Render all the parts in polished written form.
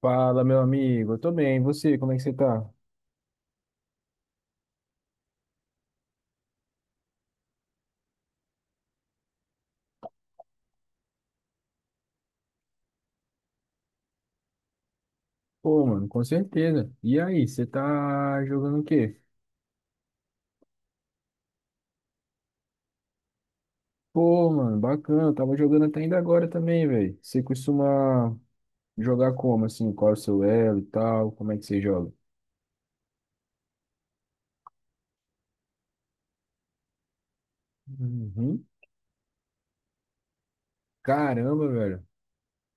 Fala, meu amigo. Eu tô bem. E você, como é que você tá? Pô, mano, com certeza. E aí, você tá jogando o quê? Pô, mano, bacana. Eu tava jogando até ainda agora também, velho. Você costuma jogar como, assim? Qual é o seu elo e tal? Como é que você joga? Uhum. Caramba, velho.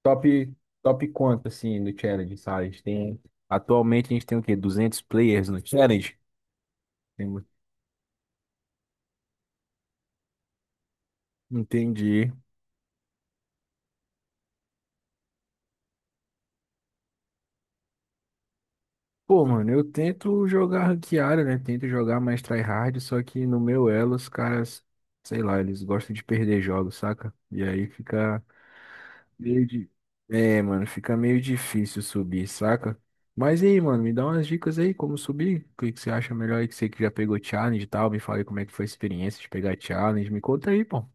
Top, top quanto, assim, no challenge, sabe? A gente tem... Atualmente a gente tem o quê? 200 players no challenge? Tem- Entendi. Pô, mano, eu tento jogar ranqueada, né? Tento jogar mais tryhard, só que no meu elo os caras, sei lá, eles gostam de perder jogos, saca? E aí fica meio de... É, mano, fica meio difícil subir, saca? Mas e aí, mano, me dá umas dicas aí como subir. O que que você acha melhor aí que você que já pegou challenge e tal? Me fala aí como é que foi a experiência de pegar challenge. Me conta aí, pô.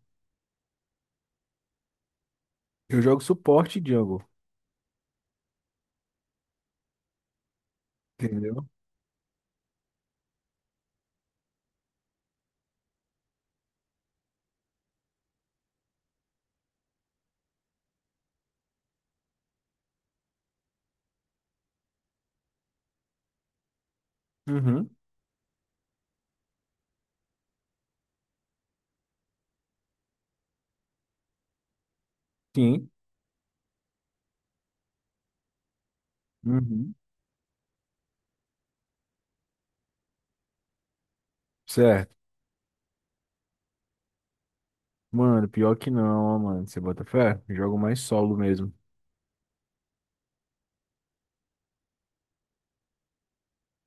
Eu jogo suporte jungle, entendeu? Uhum, sim. Uhum. Certo. Mano, pior que não, ó, mano. Você bota fé? Jogo mais solo mesmo.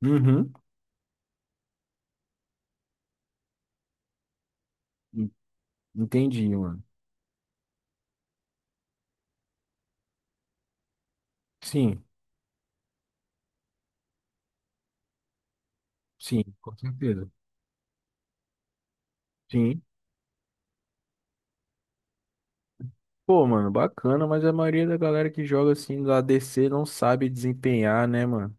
Uhum. en- Entendi, mano. Sim, sim, com certeza. Sim. Pô, mano, bacana, mas a maioria da galera que joga assim no ADC não sabe desempenhar, né, mano?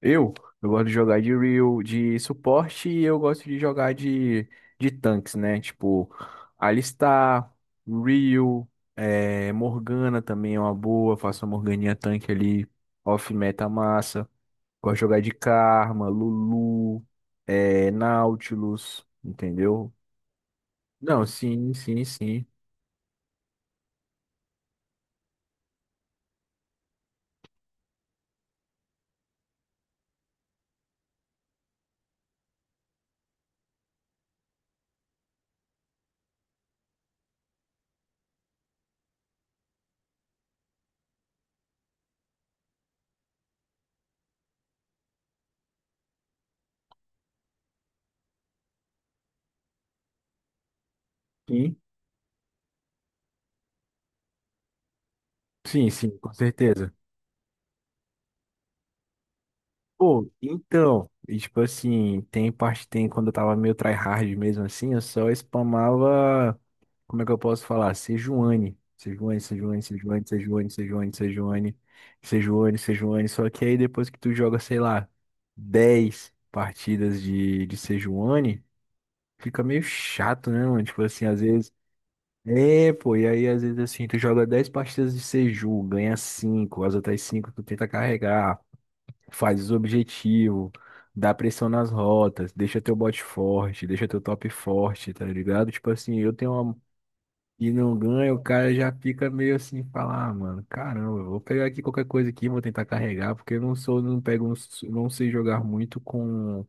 Eu, eu gosto de jogar de real, de suporte e eu gosto de jogar de tanques, né? Tipo, Alistar, real é, Morgana também é uma boa. Faço uma Morganinha tanque ali, off meta massa. Gosto de jogar de Karma, Lulu, é, Nautilus, entendeu? Não, sim, sim, sim. Sim, sim, sim, com certeza. Pô, então, e tipo assim, tem parte, tem quando eu tava meio tryhard mesmo assim, eu só spamava, como é que eu posso falar? Sejuani, Sejuani, Sejuani, Sejuani, Sejuani, Sejuani, Sejuani, Sejuani, Sejuani, só que aí depois que tu joga, sei lá, 10 partidas de Sejuani, fica meio chato, né, mano? Tipo assim, às vezes. É, pô, e aí às vezes assim, tu joga 10 partidas de Seju, ganha 5, as outras 5, tu tenta carregar, faz os objetivos, dá pressão nas rotas, deixa teu bot forte, deixa teu top forte, tá ligado? Tipo assim, eu tenho uma. E não ganha, o cara já fica meio assim, fala, ah, mano, caramba, eu vou pegar aqui qualquer coisa aqui, vou tentar carregar, porque eu não sou, não pego, não sei jogar muito com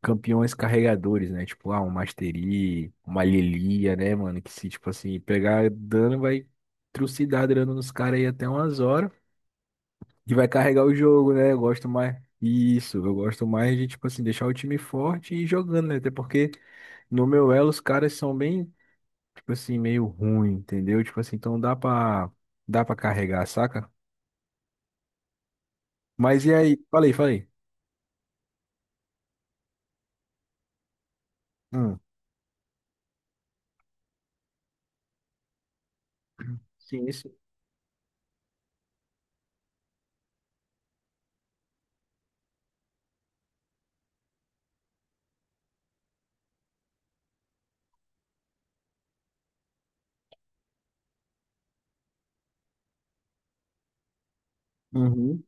campeões carregadores, né? Tipo, ah, um Mastery, uma Lilia, né, mano? Que se, tipo assim, pegar dano, vai trucidar dano nos caras aí até umas horas. E vai carregar o jogo, né? Eu gosto mais. Isso, eu gosto mais de, tipo assim, deixar o time forte e ir jogando, né? Até porque no meu elo os caras são bem, tipo assim, meio ruim, entendeu? Tipo assim, então dá pra carregar, saca? Mas e aí? Falei, falei. Hum. Sim, isso. Uhum.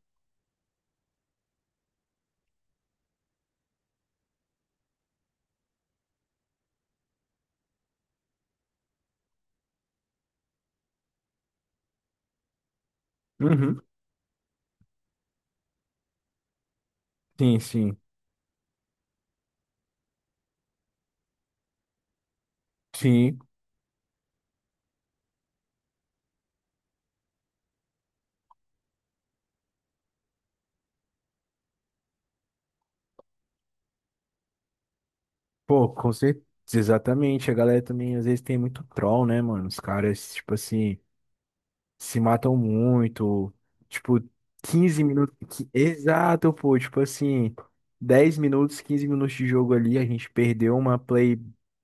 Uhum. Sim, sim. Sim. Pô, com certeza, exatamente. A galera também às vezes tem muito troll, né, mano? Os caras, tipo assim se matam muito, tipo, 15 minutos. Exato, pô, tipo assim, 10 minutos, 15 minutos de jogo ali, a gente perdeu uma play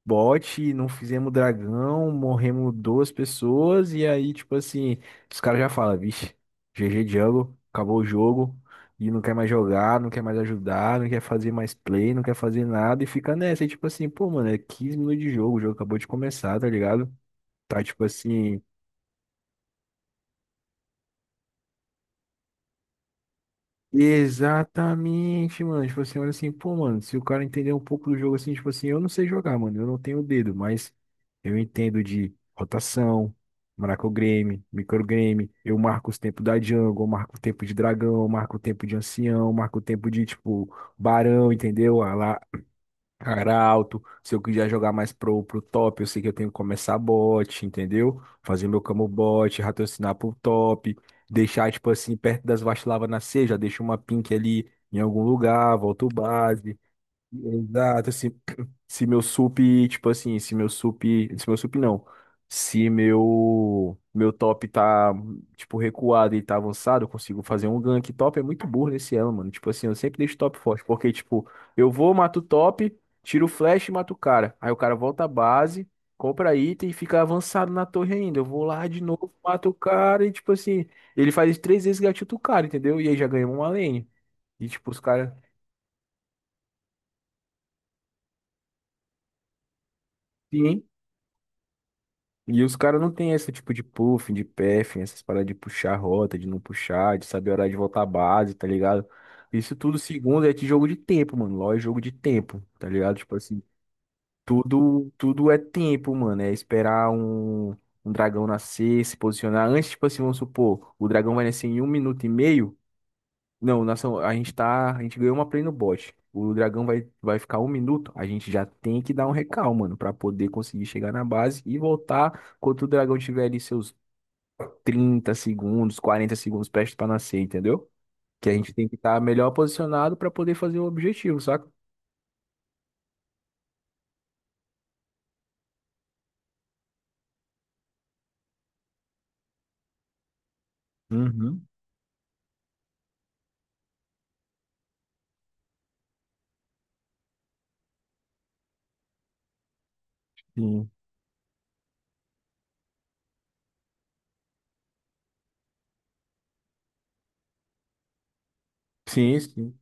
bot, não fizemos dragão, morremos duas pessoas, e aí, tipo assim, os caras já falam, vixe, GG Jungle, acabou o jogo. E não quer mais jogar, não quer mais ajudar, não quer fazer mais play, não quer fazer nada e fica nessa. E tipo assim, pô, mano, é 15 minutos de jogo, o jogo acabou de começar, tá ligado? Tá tipo assim. Exatamente, mano. Tipo assim, olha assim, pô, mano, se o cara entender um pouco do jogo assim, tipo assim, eu não sei jogar, mano, eu não tenho dedo, mas eu entendo de rotação, microgreme, microgreme, eu marco os tempos da jungle, eu marco o tempo de dragão, eu marco o tempo de ancião, eu marco o tempo de, tipo, barão, entendeu? Cara alto, se eu quiser jogar mais pro top, eu sei que eu tenho que começar bot, entendeu? Fazer meu camo bot, raciocinar pro top, deixar, tipo assim, perto das vacilavas nascer, já deixo uma pink ali em algum lugar, volto base. Exato, se, se meu sup, tipo assim, se meu sup, se meu sup não, se meu top tá, tipo, recuado e tá avançado, eu consigo fazer um gank. Top é muito burro nesse elo, mano. Tipo assim, eu sempre deixo top forte, porque, tipo, eu vou, mato o top, tiro o flash e mato o cara. Aí o cara volta à base, compra item e fica avançado na torre ainda. Eu vou lá de novo, mato o cara e, tipo assim, ele faz três vezes gatilho o cara, entendeu? E aí já ganhou uma lane. E, tipo, os caras... E os caras não têm esse tipo de puff, de pef, essas paradas de puxar a rota, de não puxar, de saber a hora de voltar à base, tá ligado? Isso tudo, segundo, é de jogo de tempo, mano. LoL é jogo de tempo, tá ligado? Tipo assim, tudo é tempo, mano. É esperar um dragão nascer, se posicionar. Antes, tipo assim, vamos supor, o dragão vai nascer em um minuto e meio. Não, nação, a gente tá. A gente ganhou uma play no bot. O dragão vai ficar um minuto. A gente já tem que dar um recal, mano, pra poder conseguir chegar na base e voltar quando o dragão tiver ali seus 30 segundos, 40 segundos prestes pra nascer, entendeu? Que a gente tem que estar melhor posicionado pra poder fazer o objetivo, saca? Uhum. Sim. Sim, sim.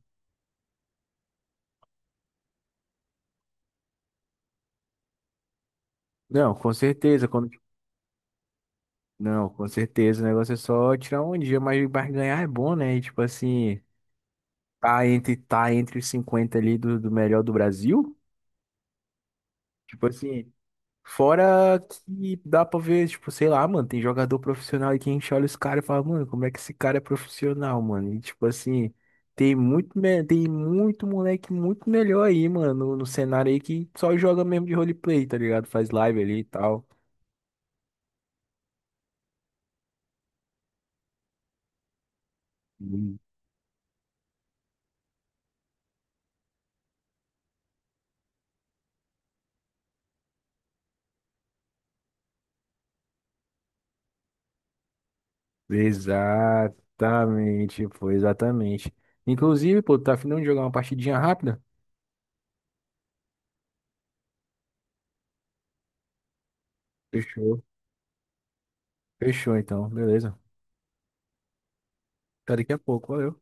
Não, com certeza. Quando... Não, com certeza. O negócio é só tirar um dia, mas ganhar é bom, né? E, tipo assim, tá entre os 50 ali do melhor do Brasil. Tipo assim, fora que dá pra ver, tipo, sei lá, mano, tem jogador profissional aí que a gente olha os caras e fala, mano, como é que esse cara é profissional, mano? E tipo assim, tem muito moleque muito melhor aí, mano, no cenário aí que só joga mesmo de roleplay, tá ligado? Faz live ali e tal. Hum. Exatamente, pô, exatamente. Inclusive, pô, tá afim de jogar uma partidinha rápida? Fechou. Fechou, então, beleza. Até daqui a pouco, valeu.